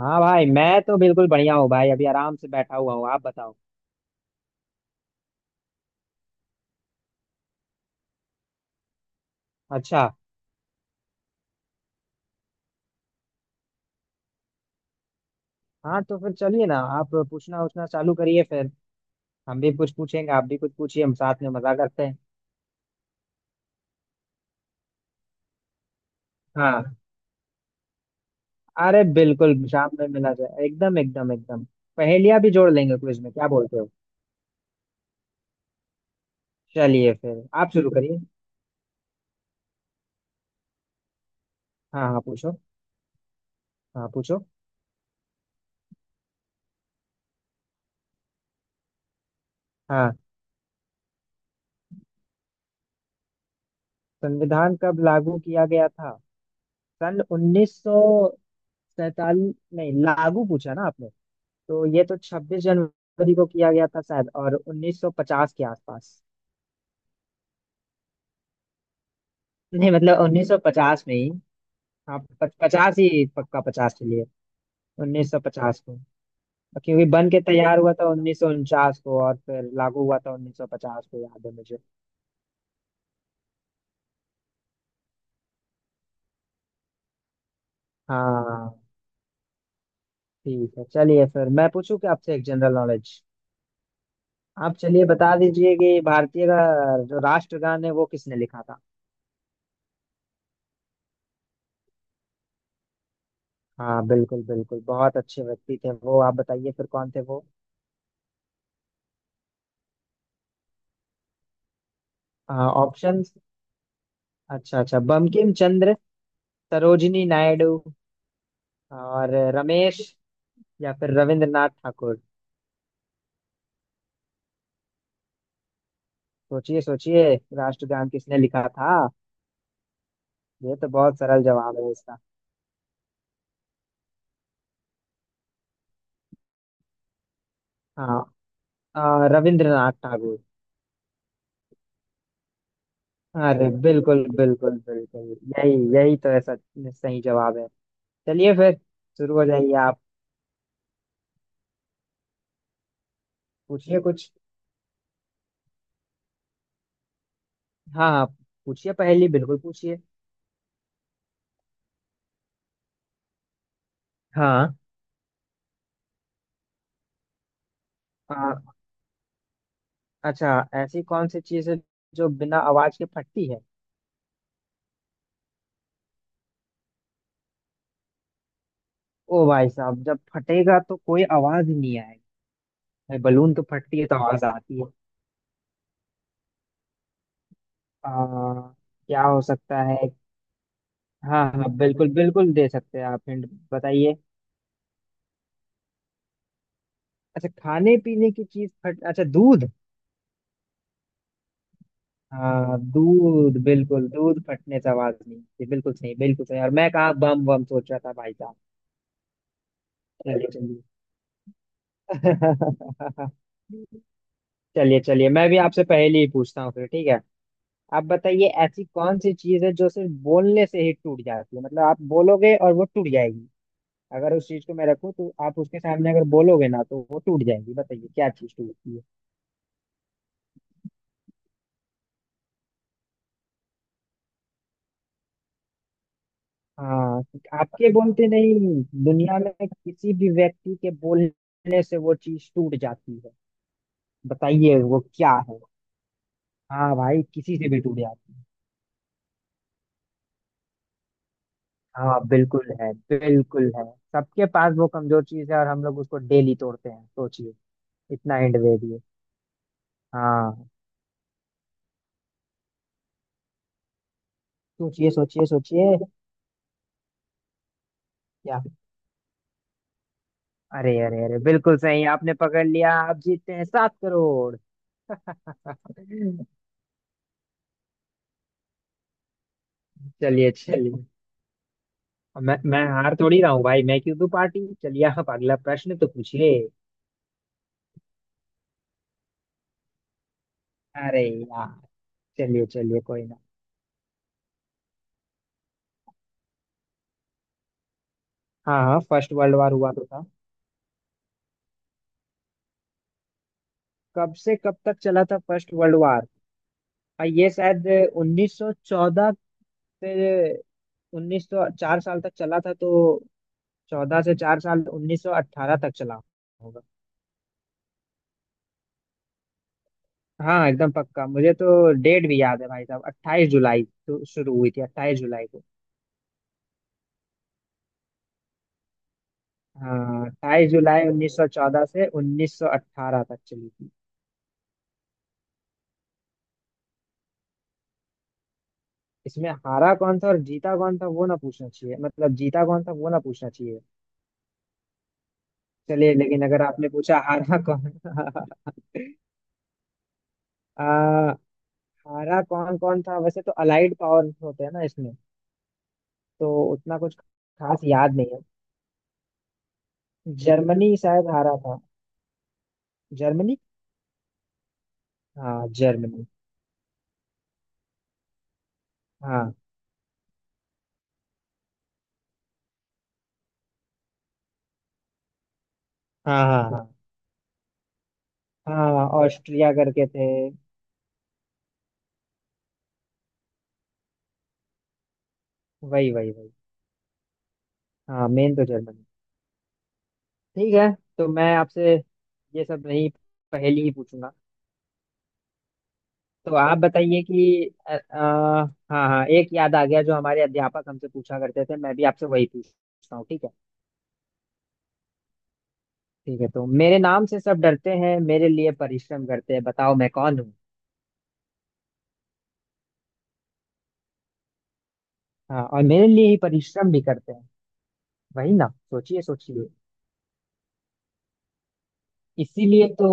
हाँ भाई, मैं तो बिल्कुल बढ़िया हूँ भाई। अभी आराम से बैठा हुआ हूँ, आप बताओ। अच्छा। हाँ तो फिर चलिए ना, आप पूछना उछना चालू करिए फिर। हम भी कुछ पूछेंगे, आप भी कुछ पूछिए, हम साथ में मजा करते हैं। हाँ। अरे बिल्कुल, शाम में मिला जाए, एकदम एकदम एकदम। पहेलियां भी जोड़ लेंगे क्विज में, क्या बोलते हो। चलिए फिर आप शुरू करिए। हाँ हाँ, पूछो। हाँ पूछो। हाँ। संविधान कब लागू किया गया था। सन 1947 नहीं, लागू पूछा ना आपने, तो ये तो 26 जनवरी को किया गया था शायद, और 1950 के आसपास। नहीं मतलब 1950 में ही। हाँ, 50 ही पक्का, 50 के लिए। 1950 को। और क्योंकि बन के तैयार हुआ था 1949 को और फिर लागू हुआ था 1950 को, याद है मुझे। हाँ। ठीक है, चलिए फिर मैं पूछूं कि आपसे एक जनरल नॉलेज। आप चलिए बता दीजिए कि भारतीय का जो राष्ट्रगान है वो किसने लिखा था। हाँ बिल्कुल बिल्कुल, बहुत अच्छे व्यक्ति थे वो, आप बताइए फिर कौन थे वो। ऑप्शन। अच्छा अच्छा, बंकिम चंद्र, सरोजिनी नायडू, और रमेश, या फिर रविंद्रनाथ ठाकुर। सोचिए सोचिए, राष्ट्रगान किसने लिखा था। ये तो बहुत सरल जवाब है इसका। हाँ। रविंद्रनाथ ठाकुर। अरे बिल्कुल बिल्कुल बिल्कुल, यही यही तो ऐसा सही जवाब है। चलिए फिर, शुरू हो जाइए आप। पूछिए कुछ। हाँ हाँ पूछिए, पहेली बिल्कुल पूछिए। हाँ। अ, अच्छा, ऐसी कौन सी चीज़ है जो बिना आवाज के फटती है। ओ भाई साहब, जब फटेगा तो कोई आवाज ही नहीं आएगी। भाई, बलून तो फटती है तो आवाज आती है। आ, क्या हो सकता है। हाँ हाँ, बिल्कुल बिल्कुल दे सकते हैं आप हिंट, बताइए। अच्छा खाने पीने की चीज फट, अच्छा, दूध। हाँ दूध, बिल्कुल दूध फटने से आवाज नहीं आती, बिल्कुल सही बिल्कुल सही, और मैं कहाँ बम बम सोच रहा था भाई साहब। चलिए चलिए। चलिए चलिए, मैं भी आपसे पहले ही पूछता हूँ फिर, ठीक है। आप बताइए, ऐसी कौन सी चीज है जो सिर्फ बोलने से ही टूट जाती है, मतलब आप बोलोगे और वो टूट जाएगी। अगर उस चीज को मैं रखूं तो आप उसके सामने अगर बोलोगे ना, तो वो टूट जाएगी, बताइए क्या चीज टूटती है। हाँ। आपके बोलते नहीं, दुनिया में किसी भी व्यक्ति के बोलने से वो चीज टूट जाती है, बताइए वो क्या है। हाँ भाई, किसी से भी टूट जाती है। हाँ बिल्कुल है, बिल्कुल है, सबके पास वो कमजोर चीज है, और हम लोग उसको डेली तोड़ते हैं, सोचिए। इतना एंड दे दिए। हाँ, सोचिए सोचिए सोचिए। क्या। अरे अरे अरे, बिल्कुल सही, आपने पकड़ लिया, आप जीतते हैं 7 करोड़। चलिए चलिए, मैं हार थोड़ी रहा हूँ भाई, मैं क्यों दूं पार्टी, चलिए आप अगला प्रश्न तो पूछिए। अरे यार, चलिए चलिए, कोई ना। हाँ हाँ, फर्स्ट वर्ल्ड वार हुआ तो था। कब से कब तक चला था फर्स्ट वर्ल्ड वार, और ये शायद 1914 से 1900, चार साल तक चला था तो, चौदह से चार साल 1918 तक चला। हाँ एकदम पक्का, मुझे तो डेट भी याद है भाई साहब, 28 जुलाई तो शुरू हुई थी, 28 जुलाई को। हाँ, 28 जुलाई 1914 से 1918 तक चली थी। इसमें हारा कौन था और जीता कौन था, वो ना पूछना चाहिए, मतलब जीता कौन था वो ना पूछना चाहिए। चलिए, लेकिन अगर आपने पूछा हारा कौन। आ, हारा कौन कौन था, वैसे तो अलाइड पावर होते हैं ना इसमें, तो उतना कुछ खास याद नहीं है। जर्मनी शायद हारा था। जर्मनी। हाँ जर्मनी। हाँ हाँ हाँ। हाँ हाँ, ऑस्ट्रिया करके थे। वही वही वही, हाँ मेन तो जर्मनी। ठीक है, तो मैं आपसे ये सब नहीं, पहेली ही पूछूंगा। तो आप बताइए कि हाँ हाँ, एक याद आ गया, जो हमारे अध्यापक हमसे पूछा करते थे, मैं भी आपसे वही पूछता हूँ, ठीक है। ठीक है, तो मेरे नाम से सब डरते हैं, मेरे लिए परिश्रम करते हैं, बताओ मैं कौन हूँ। हाँ और मेरे लिए ही परिश्रम भी करते हैं। वही ना, सोचिए सोचिए। इसीलिए तो,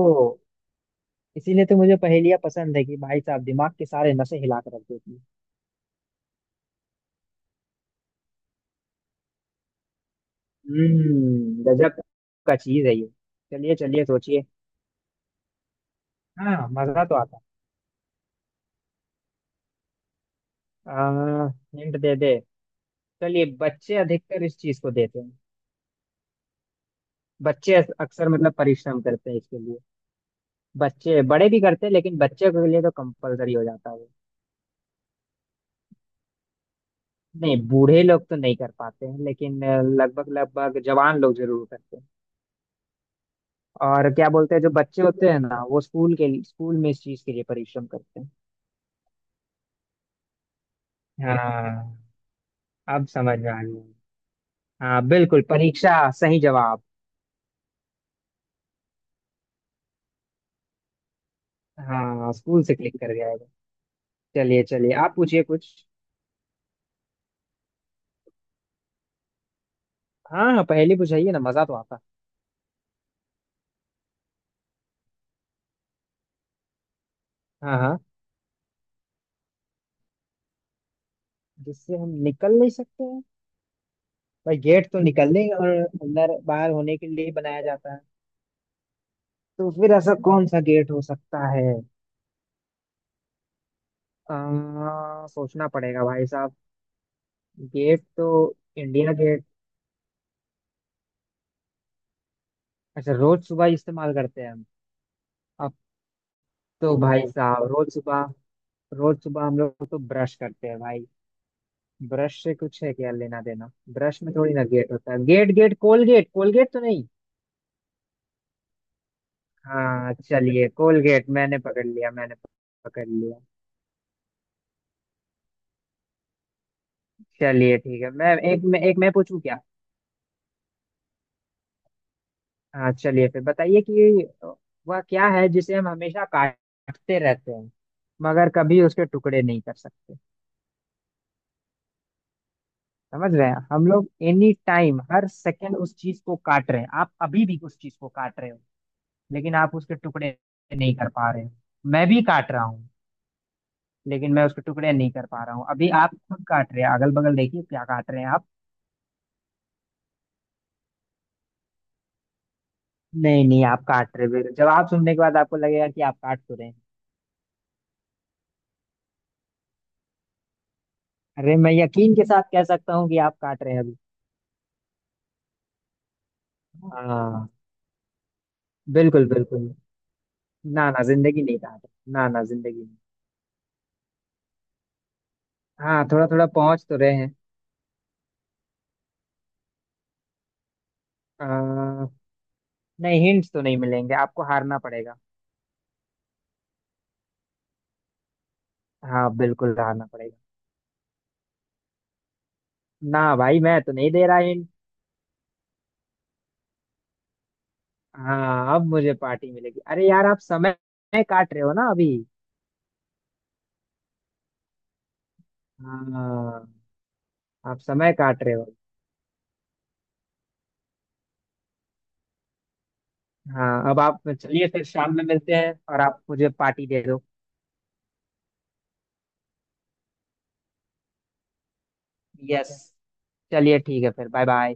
इसीलिए तो मुझे पहेलियाँ पसंद है कि भाई साहब दिमाग के सारे नसें हिला कर रख देती है। गजब का चीज है ये। चलिए चलिए सोचिए। हाँ मजा तो आता। आ, हिंट दे दे। चलिए, बच्चे अधिकतर इस चीज को देते हैं, बच्चे अक्सर मतलब परिश्रम करते हैं इसके लिए, बच्चे बड़े भी करते हैं लेकिन बच्चे के लिए तो कंपलसरी हो जाता है वो। नहीं बूढ़े लोग तो नहीं कर पाते हैं, लेकिन लगभग लगभग जवान लोग जरूर करते हैं। और क्या बोलते हैं, जो बच्चे होते हैं ना वो स्कूल के लिए- स्कूल में इस चीज के लिए परिश्रम करते हैं। हाँ अब समझ में आ गया। हाँ बिल्कुल, परीक्षा, सही जवाब। हाँ, स्कूल से क्लिक कर गया है। चलिए चलिए, आप पूछिए कुछ। हाँ हाँ, पहेली पूछाइए ना, मजा तो आता। हाँ हाँ, जिससे हम निकल नहीं सकते हैं। भाई, गेट तो निकलने और अंदर बाहर होने के लिए बनाया जाता है। तो फिर ऐसा कौन सा गेट हो सकता है, सोचना पड़ेगा भाई साहब। गेट तो इंडिया गेट। अच्छा रोज सुबह इस्तेमाल करते हैं हम, अब तो भाई साहब, रोज सुबह हम लोग तो ब्रश करते हैं भाई। ब्रश से कुछ है क्या लेना देना, ब्रश में थोड़ी ना गेट होता है, गेट गेट कोलगेट, कोलगेट तो नहीं। हाँ चलिए कोलगेट, मैंने पकड़ लिया, मैंने पकड़ लिया। चलिए ठीक है, मैं पूछूं क्या। हाँ चलिए फिर बताइए कि वह क्या है जिसे हम हमेशा काटते रहते हैं मगर कभी उसके टुकड़े नहीं कर सकते। समझ रहे हैं, हम लोग एनी टाइम हर सेकंड उस चीज को काट रहे हैं, आप अभी भी उस चीज को काट रहे हो, लेकिन आप उसके टुकड़े नहीं कर पा रहे हो। मैं भी काट रहा हूँ, लेकिन मैं उसको टुकड़े नहीं कर पा रहा हूँ, अभी आप खुद काट रहे हैं, अगल बगल देखिए क्या काट रहे हैं आप। नहीं नहीं, आप काट रहे हैं, जवाब सुनने के बाद आपको लगेगा कि आप काट तो रहे हैं। अरे मैं यकीन के साथ कह सकता हूँ कि आप काट रहे हैं अभी। हाँ बिल्कुल बिल्कुल। ना ना जिंदगी नहीं काट रहे, ना ना जिंदगी नहीं। हाँ थोड़ा थोड़ा पहुंच तो रहे हैं। आ, नहीं हिंट्स तो नहीं मिलेंगे, आपको हारना पड़ेगा। हाँ बिल्कुल हारना पड़ेगा। ना भाई, मैं तो नहीं दे रहा हिंट। हाँ अब मुझे पार्टी मिलेगी, अरे यार आप समय काट रहे हो ना अभी। हाँ आप समय काट रहे हो। हाँ अब आप चलिए, फिर शाम में मिलते हैं और आप मुझे पार्टी दे दो। यस। चलिए ठीक है फिर, बाय बाय।